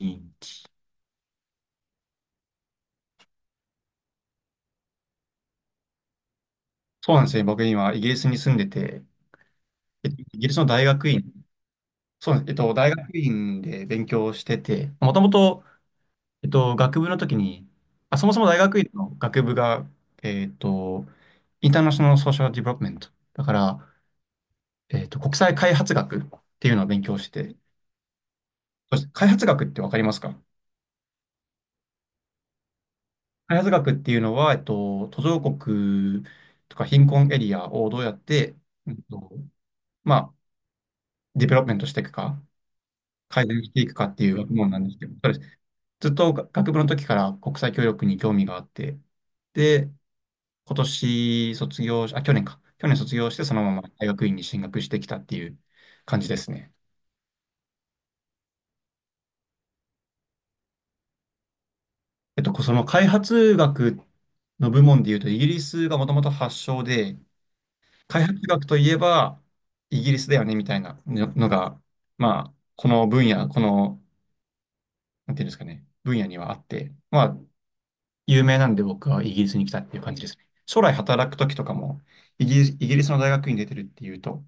うん。そうなんですよ。僕今、イギリスに住んでて、イギリスの大学院、そうなんです。大学院で勉強してて、もともと、学部の時に、あ、そもそも大学院の学部が、えっと、インターナショナルソーシャルディベロップメント。だから、国際開発学っていうのを勉強してて、そして開発学ってわかりますか？開発学っていうのは、途上国とか貧困エリアをどうやって、えっと、まあ、ディベロップメントしていくか。改善していくかっていう学問なんですけど、そうです。ずっと学部の時から国際協力に興味があって、で、今年卒業し、あ、去年か。去年卒業して、そのまま大学院に進学してきたっていう感じですね。その開発学の部門でいうと、イギリスがもともと発祥で、開発学といえばイギリスだよねみたいなののが、まあ、この分野、この、なんていうんですかね、分野にはあって、まあ、有名なんで僕はイギリスに来たっていう感じですね。将来働くときとかも、イギリスの大学院出てるっていうと、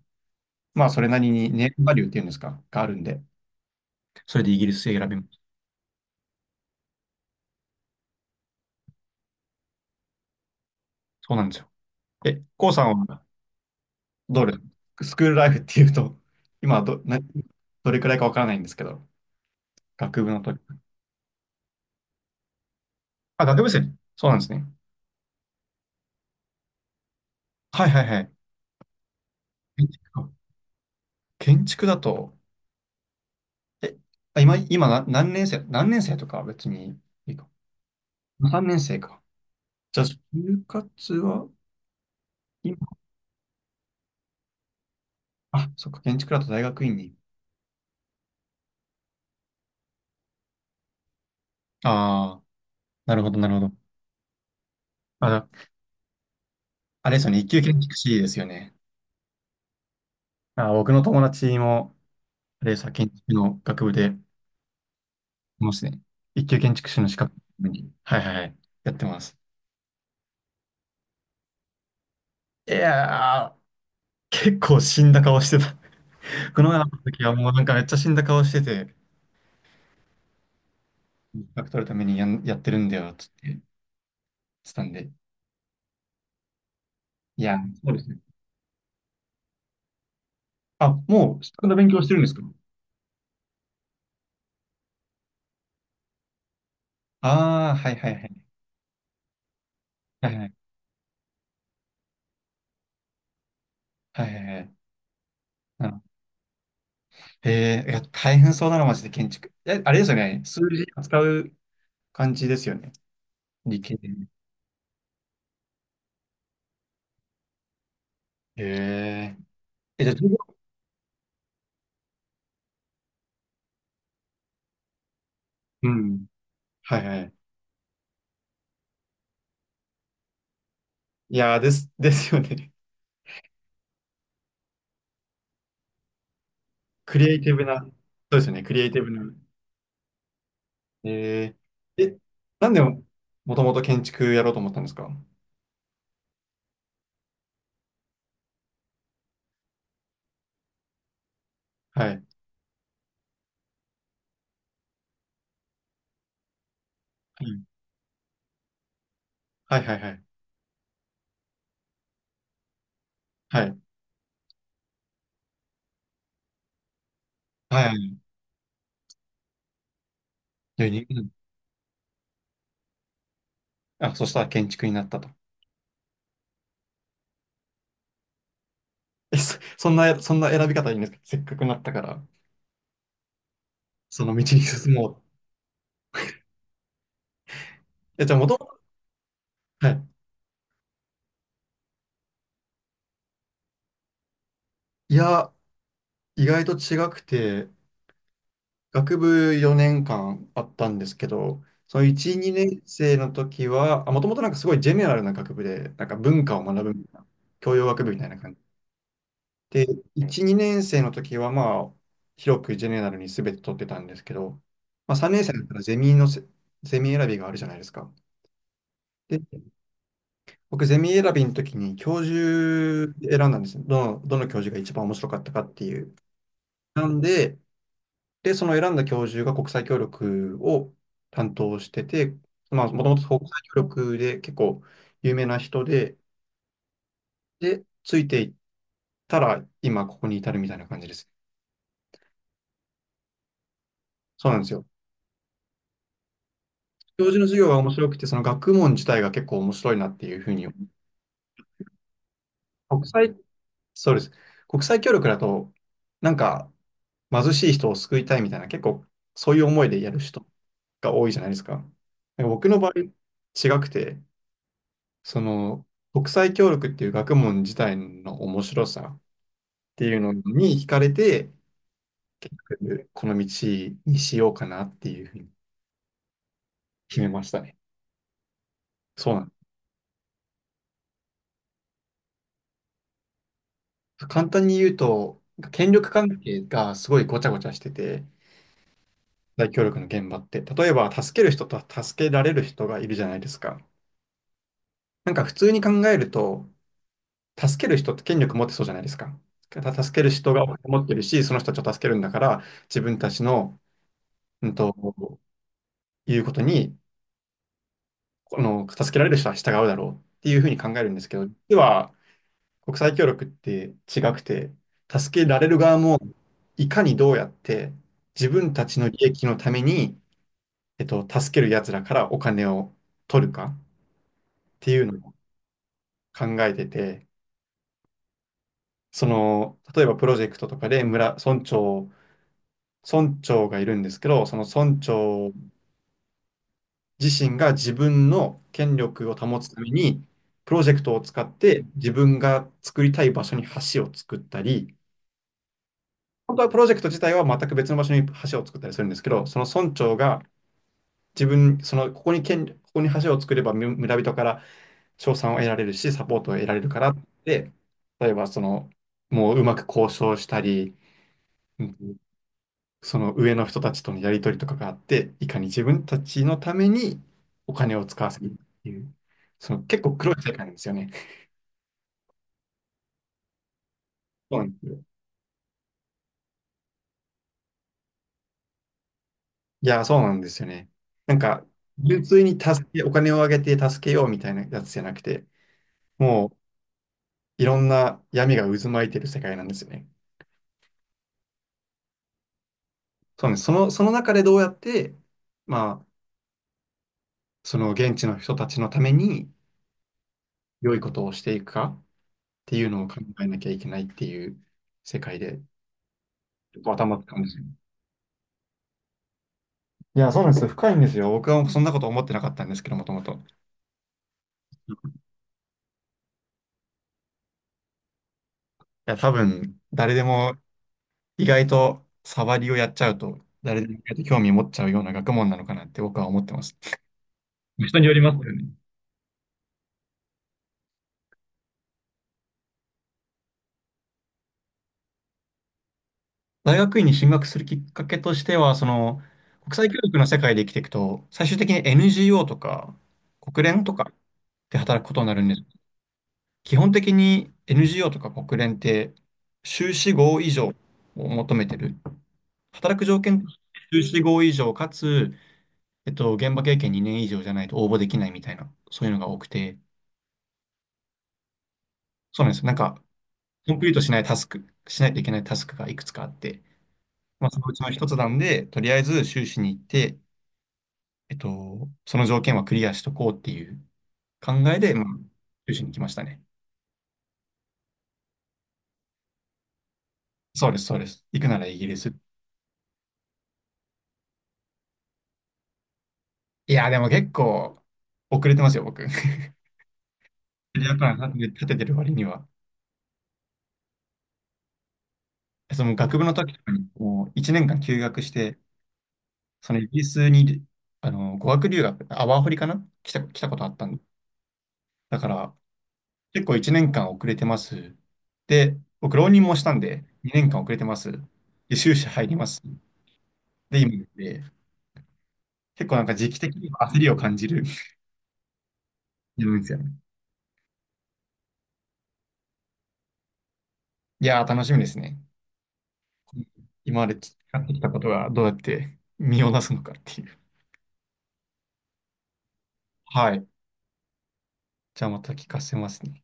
まあそれなりにネームバリューっていうんですか、があるんで、それでイギリス選びます。そうなんですよ。え、コウさんはどれ、スクールライフっていうと、今はどれくらいかわからないんですけど、学部の時。あ、学部生、そうなんですね。はいはいはい。建築か建築だと、え、今、何年生とかは別にいいか。3年生か。じゃあ、就活は、今、あ、そっか、建築だと大学院に。ああ、なるほど、なるほど。あの、あれですよね、一級建築士ですよね。あー、僕の友達も、あれでし建築の学部で、いますね。一級建築士の資格に、はいはいはい、やってます。いやー、結構死んだ顔してた。この前会った時はもうなんかめっちゃ死んだ顔してて、資格取るためにやってるんだよ、つって言ってたんで。いやー、そうですね。あ、もう資格の勉強してるんですか？ああー、はいはいはい。はいはい。はいはいはい。へえ。いや、大変そうだな、マジで建築。え、あれですよね。数字扱う感じですよね。理系で。へええ、じゃあ、授業。うん。はいはい。いやー、ですよね。クリエイティブな。そうですよね。クリエイティブな。へええ、なんでも、もともと建築やろうと思ったんですか？はい。うん。はいはいはい。はい。はいはい。でにうん。あ、そしたら建築になったと。え、そんな選び方いいんですか？せっかくなったから、その道に進もう。え、じゃあ、もともと、はい。いや、意外と違くて、学部4年間あったんですけど、その1、2年生の時は、もともとなんかすごいジェネラルな学部で、なんか文化を学ぶみたいな、教養学部みたいな感じ。で、1、2年生の時はまあ、広くジェネラルに全て取ってたんですけど、まあ3年生だったらゼミ選びがあるじゃないですか。で、僕ゼミ選びの時に教授選んだんですよ。どの教授が一番面白かったかっていう。なんで、で、その選んだ教授が国際協力を担当してて、まあ、もともと国際協力で結構有名な人で、で、ついていったら今ここに至るみたいな感じです。そうなんですよ。教授の授業が面白くて、その学問自体が結構面白いなっていうふうに思う。そうです。国際協力だと、なんか貧しい人を救いたいみたいな、結構そういう思いでやる人が多いじゃないですか。なんか僕の場合、違くて、その、国際協力っていう学問自体の面白さっていうのに惹かれて、結局、この道にしようかなっていうふうに決めましたね。そうなんです。簡単に言うと、権力関係がすごいごちゃごちゃしてて、大協力の現場って、例えば助ける人と助けられる人がいるじゃないですか。なんか普通に考えると、助ける人って権力持ってそうじゃないですか。助ける人がお金持ってるし、その人たちを助けるんだから、自分たちの、うんと、いうことに助けられる人は従うだろうっていうふうに考えるんですけど、実は国際協力って違くて、助けられる側もいかにどうやって自分たちの利益のために、助ける奴らからお金を取るかっていうのを考えてて、その、例えばプロジェクトとかで村長がいるんですけど、その村長自身が自分の権力を保つために、プロジェクトを使って自分が作りたい場所に橋を作ったり、本当はプロジェクト自体は全く別の場所に橋を作ったりするんですけど、その村長がそのここにここに橋を作れば村人から賞賛を得られるし、サポートを得られるからって、例えばその、もううまく交渉したり、うんその上の人たちとのやり取りとかがあって、いかに自分たちのためにお金を使わせるっていう、その結構黒い世界なんですよね。そうなんですよ。いや、そうなんですよね。なんか、純粋にお金をあげて助けようみたいなやつじゃなくて、もういろんな闇が渦巻いてる世界なんですよね。そうなんです。その、その中でどうやって、まあ、その現地の人たちのために良いことをしていくかっていうのを考えなきゃいけないっていう世界で、結構頭使うんですよ。いや、そうなんですよ。深いんですよ。僕はそんなこと思ってなかったんですけど、もともと。いや、多分、誰でも意外と触りをやっちゃうと、誰でも意外と興味持っちゃうような学問なのかなって僕は思ってます。人によりますよね。大学院に進学するきっかけとしては、その、国際教育の世界で生きていくと、最終的に NGO とか、国連とかで働くことになるんです。基本的に NGO とか国連って、修士号以上を求めてる。働く条件、修士号以上かつ、現場経験2年以上じゃないと応募できないみたいな、そういうのが多くて、そうなんですよ。なんか、コンプリートしないタスク、しないといけないタスクがいくつかあって、まあ、そのうちの一つなんで、とりあえず修士に行って、その条件はクリアしとこうっていう考えで、まあ、修士に来ましたね。そうです、そうです。行くならイギリス。いや、でも結構、遅れてますよ、僕。キャリアプラン立ててる割には。その学部の時とかに、もう1年間休学して、そのイギリスに、語学留学、あ、ワーホリかな来たことあったんで。だから、結構1年間遅れてます。で、僕、浪人もしたんで、2年間遅れてます。で、修士入ります。で、結構なんか時期的に焦りを感じる いですよね。いやー、楽しみですね。今まで培ってきたことがどうやって身を出すのかっていう。はい。じゃあまた聞かせますね。